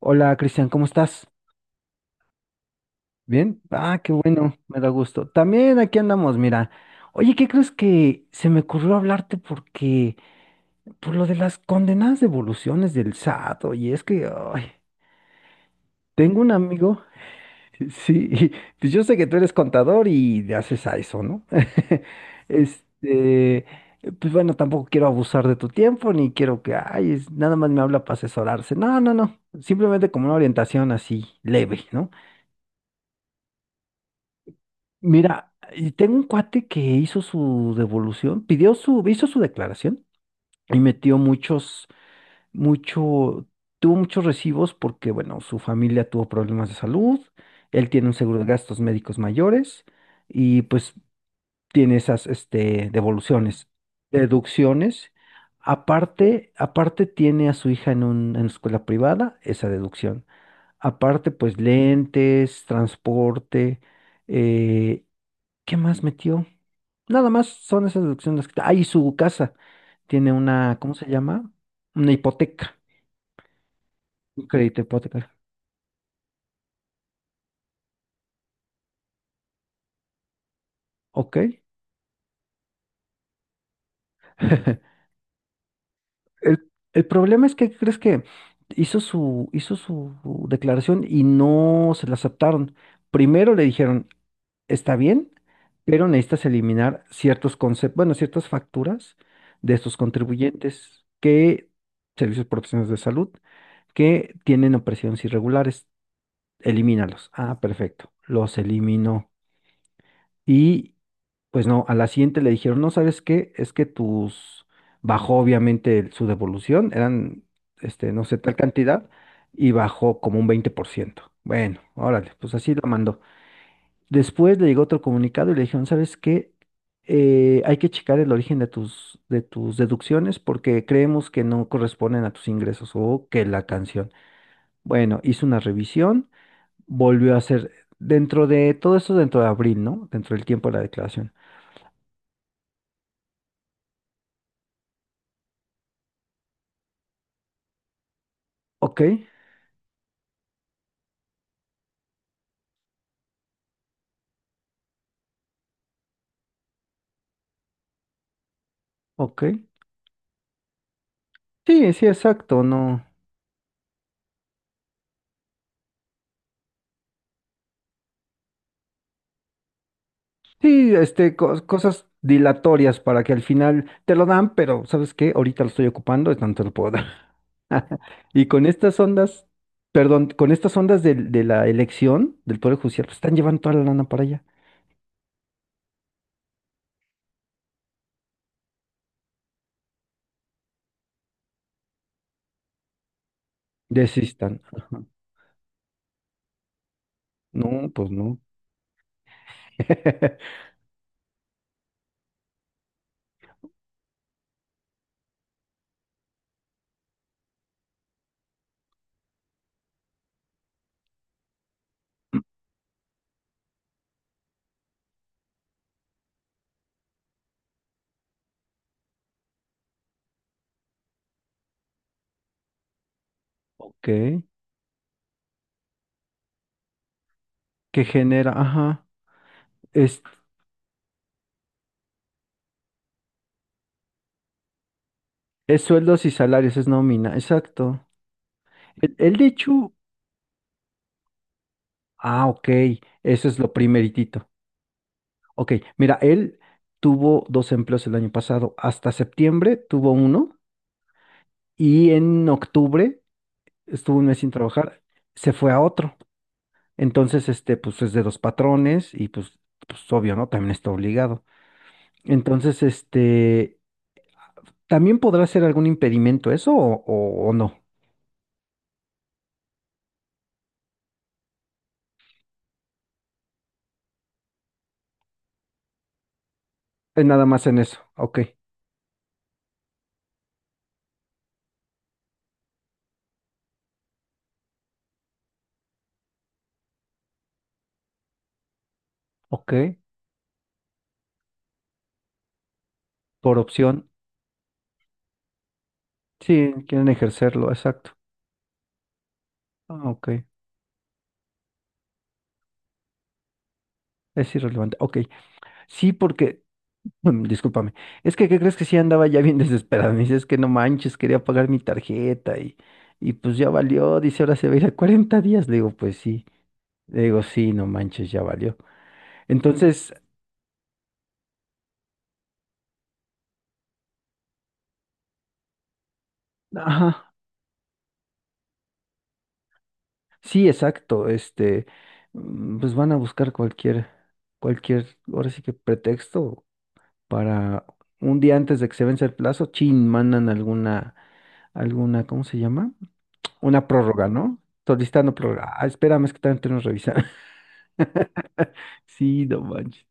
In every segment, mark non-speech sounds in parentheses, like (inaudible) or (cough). Hola Cristian, ¿cómo estás? ¿Bien? Ah, qué bueno, me da gusto. También aquí andamos, mira. Oye, ¿qué crees que se me ocurrió hablarte porque por lo de las condenadas devoluciones del SAT? Oye, es que ay, tengo un amigo, (laughs) sí, y pues yo sé que tú eres contador y le haces a eso, ¿no? (laughs) Este, pues bueno, tampoco quiero abusar de tu tiempo ni quiero que, ay, nada más me habla para asesorarse. No, no, no, simplemente como una orientación así leve, ¿no? Mira, y tengo un cuate que hizo su devolución, hizo su declaración y mucho, tuvo muchos recibos porque, bueno, su familia tuvo problemas de salud, él tiene un seguro de gastos médicos mayores y pues tiene esas deducciones. Aparte tiene a su hija en en escuela privada, esa deducción. Aparte, pues lentes, transporte. eh, ¿Qué más metió? Nada más son esas deducciones. Ah, y su casa tiene una, ¿cómo se llama? Una hipoteca, un crédito hipotecario. Ok. (laughs) El problema es que, ¿qué ¿crees que hizo su declaración y no se la aceptaron? Primero le dijeron, está bien, pero necesitas eliminar ciertos conceptos, bueno, ciertas facturas de estos contribuyentes que, servicios profesionales de salud, que tienen operaciones irregulares. Elimínalos. Ah, perfecto. Los eliminó. Y pues no, a la siguiente le dijeron, no, ¿sabes qué? Es que bajó obviamente su devolución, eran, no sé, tal cantidad, y bajó como un 20%. Bueno, órale, pues así lo mandó. Después le llegó otro comunicado y le dijeron, ¿sabes qué? Hay que checar el origen de tus deducciones porque creemos que no corresponden a tus ingresos o que la canción. Bueno, hizo una revisión, volvió a ser dentro de todo eso, dentro de abril, ¿no? Dentro del tiempo de la declaración. Ok, ok. Sí, sí, exacto, no. Sí, cosas dilatorias para que al final te lo dan, pero ¿sabes qué? Ahorita lo estoy ocupando, entonces no te lo puedo dar. (laughs) Y con estas ondas, perdón, con estas ondas de la elección del Poder Judicial, pues están llevando toda la lana para allá. Desistan. Ajá. No, pues no. (laughs) Ok. Que genera, ajá. Es sueldos y salarios, es nómina, exacto. El de Chu, ah, ok, eso es lo primeritito. Ok, mira, él tuvo dos empleos el año pasado, hasta septiembre tuvo uno y en octubre estuvo un mes sin trabajar, se fue a otro. Entonces, pues es de dos patrones y pues obvio, ¿no? También está obligado. Entonces, ¿también podrá ser algún impedimento eso o no? Es nada más en eso, ok, ok, por opción. Sí, quieren ejercerlo, exacto. Ah, ok. Es irrelevante. Ok. Sí, porque, (clears throat) discúlpame. Es que, ¿qué crees que sí andaba ya bien (laughs) desesperado? Me dice, es que no manches, quería pagar mi tarjeta y pues ya valió. Dice, ahora se va a ir a 40 días. Le digo, pues sí. Le digo, sí, no manches, ya valió. Entonces, ajá, sí, exacto. Pues van a buscar cualquier, ahora sí que pretexto para un día antes de que se vence el plazo, chin, mandan alguna, ¿cómo se llama? Una prórroga, ¿no? Solicitando prórroga. Ah, espérame, es que también tenemos que revisar. (laughs) Sí, no manches.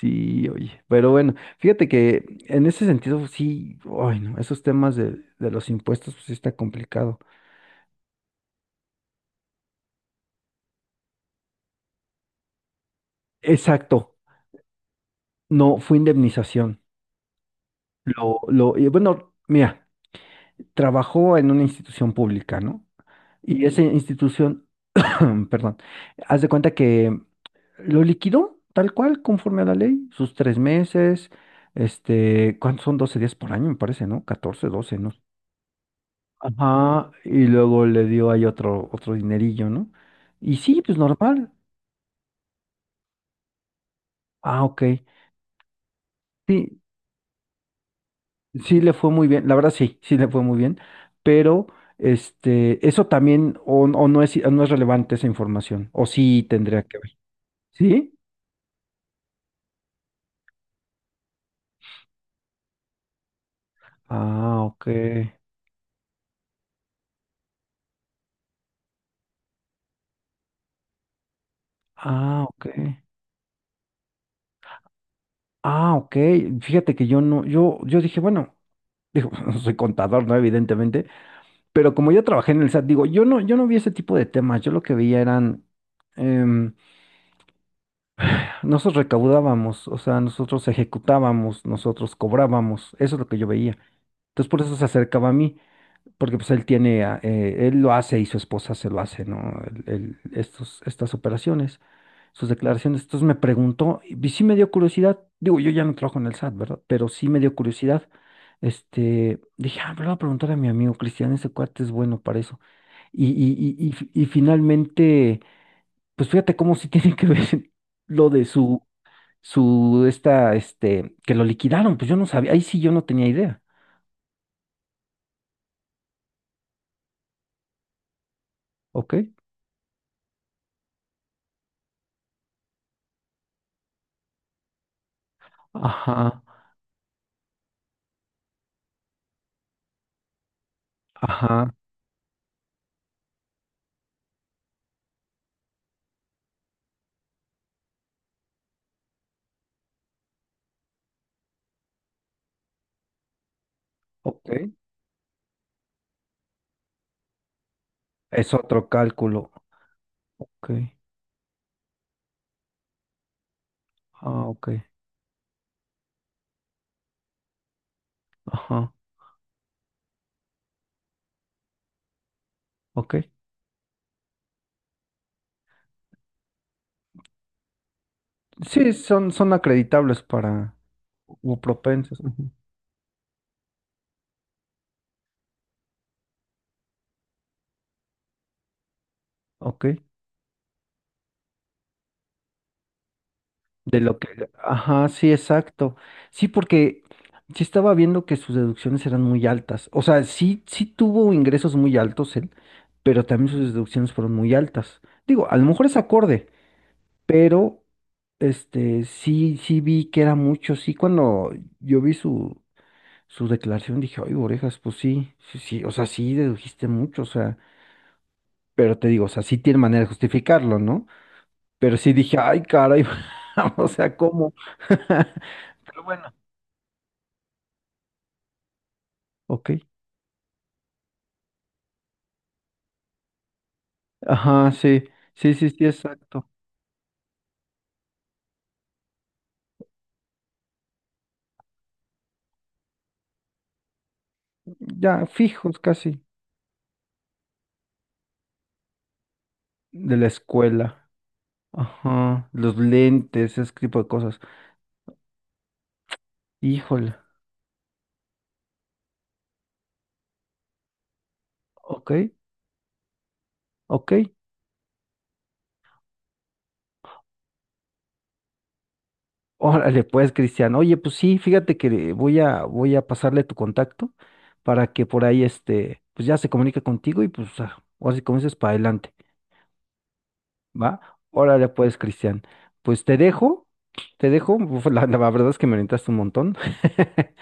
Sí, oye. Pero bueno, fíjate que en ese sentido, sí, ay, no, esos temas de los impuestos, pues sí está complicado. Exacto, no, fue indemnización. Y bueno, mira, trabajó en una institución pública, ¿no? Y esa institución (clears throat) perdón. Haz de cuenta que lo liquidó tal cual, conforme a la ley, sus 3 meses, ¿cuántos son? 12 días por año, me parece, ¿no? 14, 12, ¿no? Ajá, y luego le dio ahí otro dinerillo, ¿no? Y sí, pues normal. Ah, ok. Sí, sí le fue muy bien, la verdad sí le fue muy bien, pero eso también, o no es relevante esa información, o sí tendría que ver. ¿Sí? Ah, ok. Ah, ok. Ah, ok. Fíjate que yo no, yo dije, bueno, digo, (laughs) no soy contador, ¿no? Evidentemente, pero como yo trabajé en el SAT, digo, yo no vi ese tipo de temas. Yo lo que veía eran, em, nosotros recaudábamos, o sea, nosotros ejecutábamos, nosotros cobrábamos. Eso es lo que yo veía. Entonces, por eso se acercaba a mí porque pues él tiene, él lo hace y su esposa se lo hace, ¿no? Estas operaciones, sus declaraciones. Entonces me preguntó, y sí me dio curiosidad, digo, yo ya no trabajo en el SAT, ¿verdad? Pero sí me dio curiosidad. Dije, ah, me lo voy a preguntar a mi amigo Cristian, ese cuate es bueno para eso. Y finalmente, pues fíjate cómo sí (laughs) tiene que ver (laughs) lo de su que lo liquidaron, pues yo no sabía, ahí sí yo no tenía idea, ¿ok? Ajá, ajá, ok. Es otro cálculo. Ok. Ah, ok. Ajá. Ok. Sí, son acreditables para u propensos. Ujú, ok. De lo que. Ajá, sí, exacto. Sí, porque sí estaba viendo que sus deducciones eran muy altas. O sea, sí, sí tuvo ingresos muy altos él, pero también sus deducciones fueron muy altas. Digo, a lo mejor es acorde, pero sí, sí vi que era mucho. Sí, cuando yo vi su declaración dije, ay, orejas, pues sí, sí, sí, o sea, sí dedujiste mucho, o sea, pero te digo, o sea, sí tiene manera de justificarlo, ¿no? Pero sí dije, ay, caray, (laughs) o sea, ¿cómo? (laughs) Pero bueno, ok. Ajá, sí, sí, sí, sí, exacto. Ya, fijos casi, de la escuela. Ajá, los lentes, ese tipo de cosas. Híjole, ok, ok. Órale, pues, Cristian. Oye, pues sí, fíjate que voy a pasarle tu contacto para que por ahí pues ya se comunique contigo y pues ah, ahora sí como dices, para adelante, ¿va? Órale, pues, Cristian. Pues te dejo, te dejo. Uf, la verdad es que me orientaste un montón. (laughs)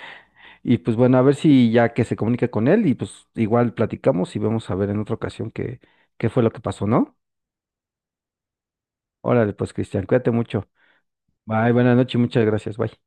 Y pues bueno, a ver si ya que se comunique con él y pues igual platicamos y vemos a ver en otra ocasión qué, fue lo que pasó, ¿no? Órale, pues, Cristian, cuídate mucho. Bye, buenas noches, muchas gracias, bye.